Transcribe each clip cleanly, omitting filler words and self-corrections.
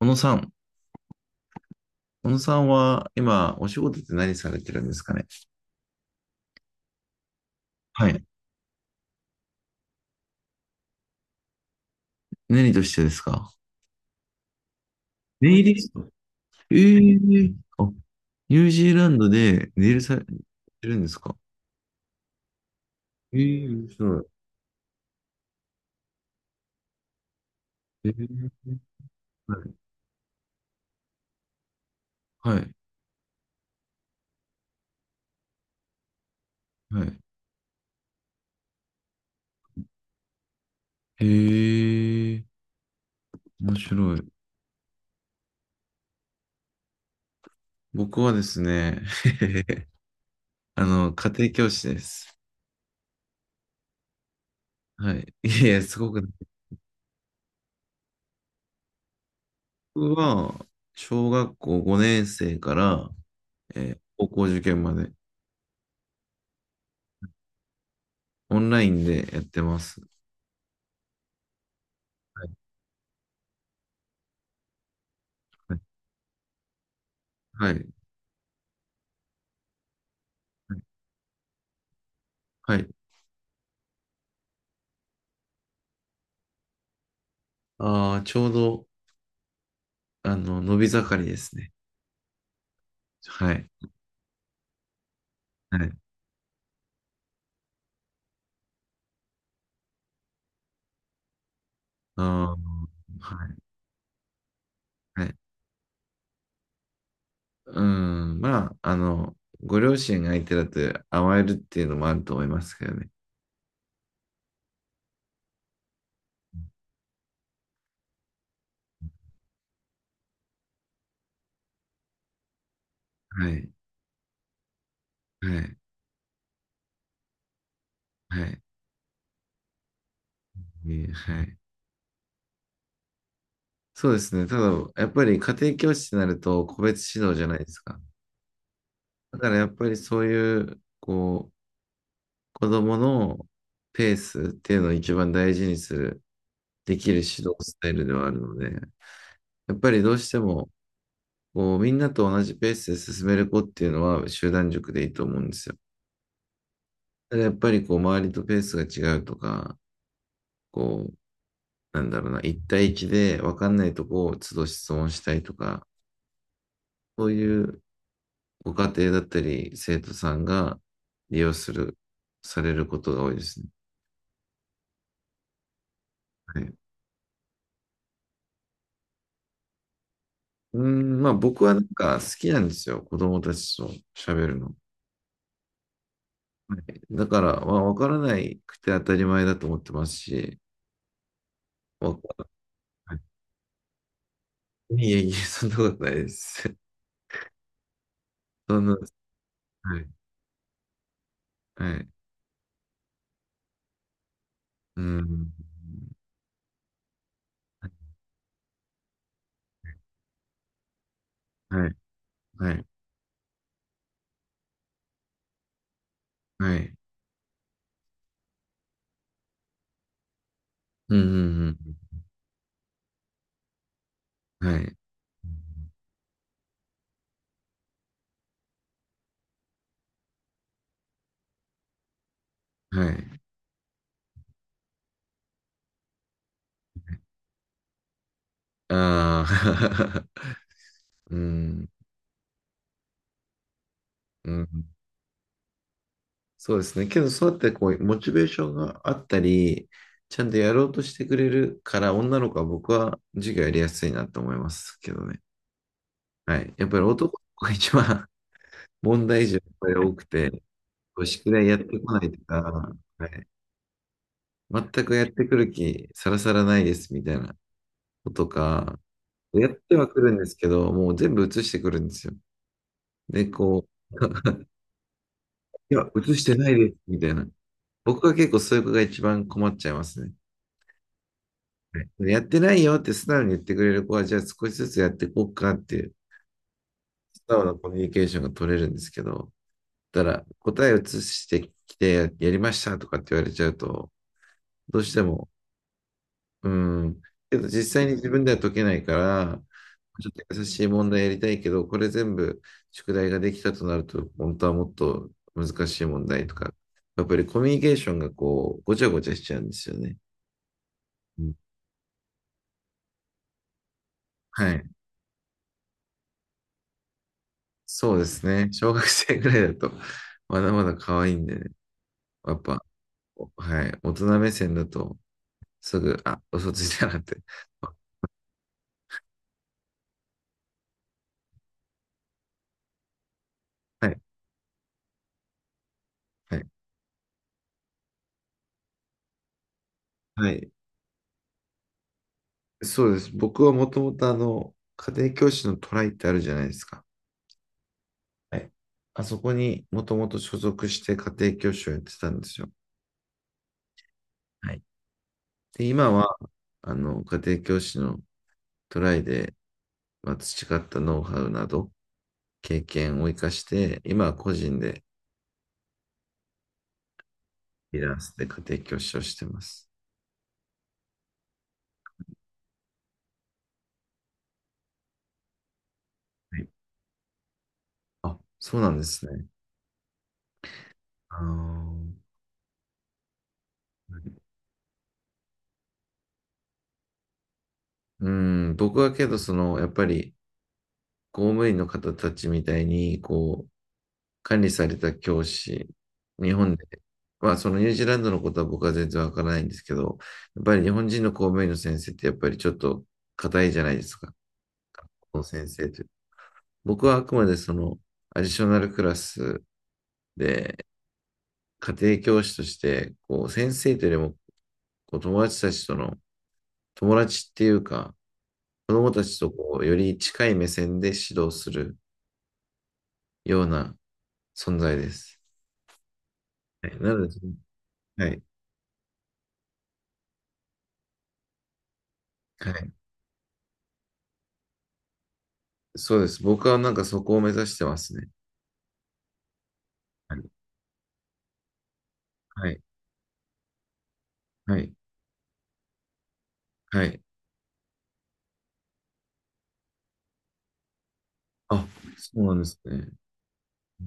小野さん、小野さんは今、お仕事って何されてるんですかね。はい。何としてですか。ネイリスト。ええ。あ、ニュージーランドでネイルされてるんですか。ええ、面白い。ええ。はい。はい。ええー、面白い。僕はですね、家庭教師です。はい。いやいや、すごく、僕は、小学校5年生から、高校受験まで、オンラインでやってます。はい。はい。はい。ああー、ちょうど、伸び盛りですね。はい。はい。ああ、はい。はい。うん。まあ、ご両親が相手だと甘えるっていうのもあると思いますけどね。はい。はい。はい。ね、はい。そうですね。ただ、やっぱり家庭教師になると個別指導じゃないですか。だからやっぱりそういう、こう、子供のペースっていうのを一番大事にする、できる指導スタイルではあるので、やっぱりどうしても、こう、みんなと同じペースで進める子っていうのは集団塾でいいと思うんですよ。ただやっぱりこう、周りとペースが違うとか、こう、なんだろうな、一対一で分かんないとこを都度質問したいとか、そういうご家庭だったり、生徒さんが利用する、されることが多いですね。はい。うーん、まあ僕はなんか好きなんですよ。子供たちと喋るの。はい。だから、まあ、分からないくて当たり前だと思ってますし、わいえいえ、そんなことないです。そんな、はい、はい、うん、はい、はい、はい、うん、うん、うん、はい、はい、ああ、うん、うん、そうですね。けど、そうやってこう、モチベーションがあったり、ちゃんとやろうとしてくれるから、女の子は僕は授業やりやすいなと思いますけどね。はい。やっぱり男の子が一番 問題児がやっぱり多くて、こう宿題やってこないとか、はい。全くやってくる気さらさらないですみたいなことか、やってはくるんですけど、もう全部映してくるんですよ。で、こう、いや、映してないですみたいな。僕は結構そういう子が一番困っちゃいますね。はい。やってないよって素直に言ってくれる子は、じゃあ少しずつやっていこうかっていう、素直なコミュニケーションが取れるんですけど、だから答えを移してきて、やりましたとかって言われちゃうと、どうしても、うん。けど実際に自分では解けないから、ちょっと優しい問題やりたいけど、これ全部宿題ができたとなると、本当はもっと難しい問題とか、やっぱりコミュニケーションがこう、ごちゃごちゃしちゃうんですよね。うん。はい。そうですね。小学生ぐらいだと、まだまだ可愛いんでね。やっぱ、はい。大人目線だと、すぐ、あ、嘘ついたなって。はい。はい。はい。そうです。僕はもともと家庭教師のトライってあるじゃないですか。はい。あそこにもともと所属して家庭教師をやってたんですよ。はい。で、今は、家庭教師のトライで、まあ、培ったノウハウなど、経験を生かして、今は個人で、フリーランスで家庭教師をしてます。はい。あ、そうなんですね。あー、うん、僕はけど、その、やっぱり、公務員の方たちみたいに、管理された教師、日本で、まあそのニュージーランドのことは僕は全然わからないんですけど、やっぱり日本人の公務員の先生ってやっぱりちょっと硬いじゃないですか、この先生という。僕はあくまでそのアディショナルクラスで家庭教師として、こう先生というよりもこう友達たちとの友達っていうか、子供たちとこうより近い目線で指導するような存在です。はい、なので、はい、はい。そうです。僕はなんかそこを目指してますね。はい。はい。はい。はい。あ、そうなんですね。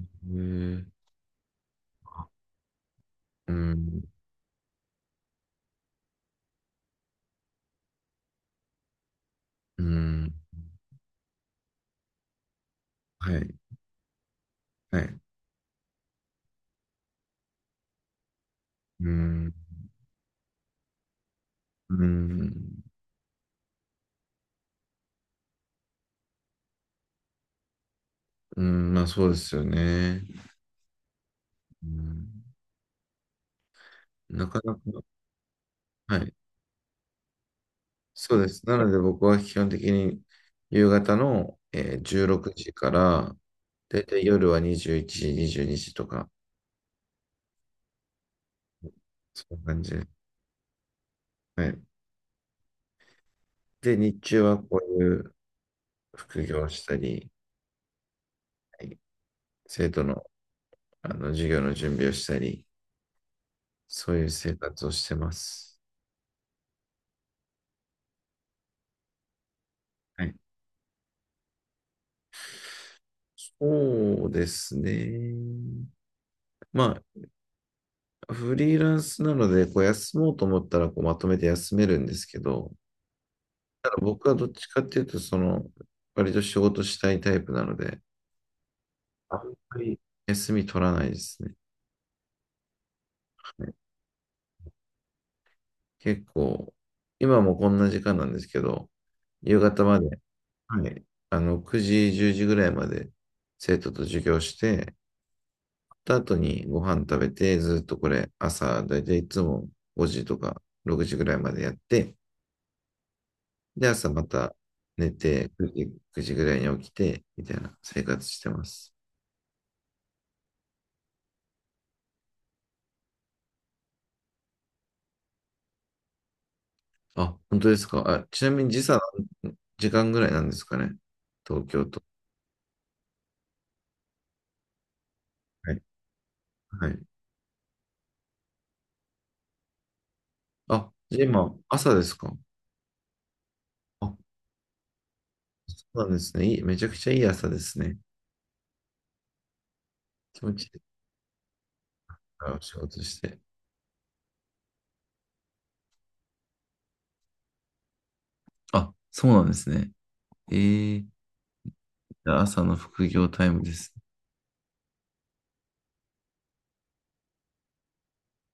へえ。あ、うん。うん。はい。はい。うん。うん。うん。まあそうですよね。うん。なかなか。はい。そうです。なので僕は基本的に夕方の、16時から、だいたい夜は21時、22時とか、そんな感じで。はい。で、日中はこういう副業をしたり、はい。生徒の、授業の準備をしたり、そういう生活をしてます。はい。そうですね。まあ、フリーランスなので、こう休もうと思ったらこうまとめて休めるんですけど、ただ僕はどっちかっていうと、その、割と仕事したいタイプなので、あんまり休み取らないですね。はい、結構、今もこんな時間なんですけど、夕方まで、はい、9時、10時ぐらいまで生徒と授業して、た後にご飯食べて、ずっとこれ朝、だいたいいつも5時とか6時ぐらいまでやって、で、朝また寝て、9時ぐらいに起きて、みたいな生活してます。あ、本当ですか。あ、ちなみに時差、時間ぐらいなんですかね。東京と。はい。はい。あ、じゃあ今、朝ですか。あ、そうなんですね。めちゃくちゃいい朝ですね。気持ちいいから仕事して。あ、そうなんですね。えー、朝の副業タイムです。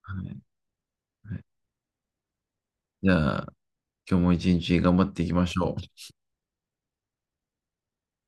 はい。はい。じゃあ、今日も一日頑張っていきましょう。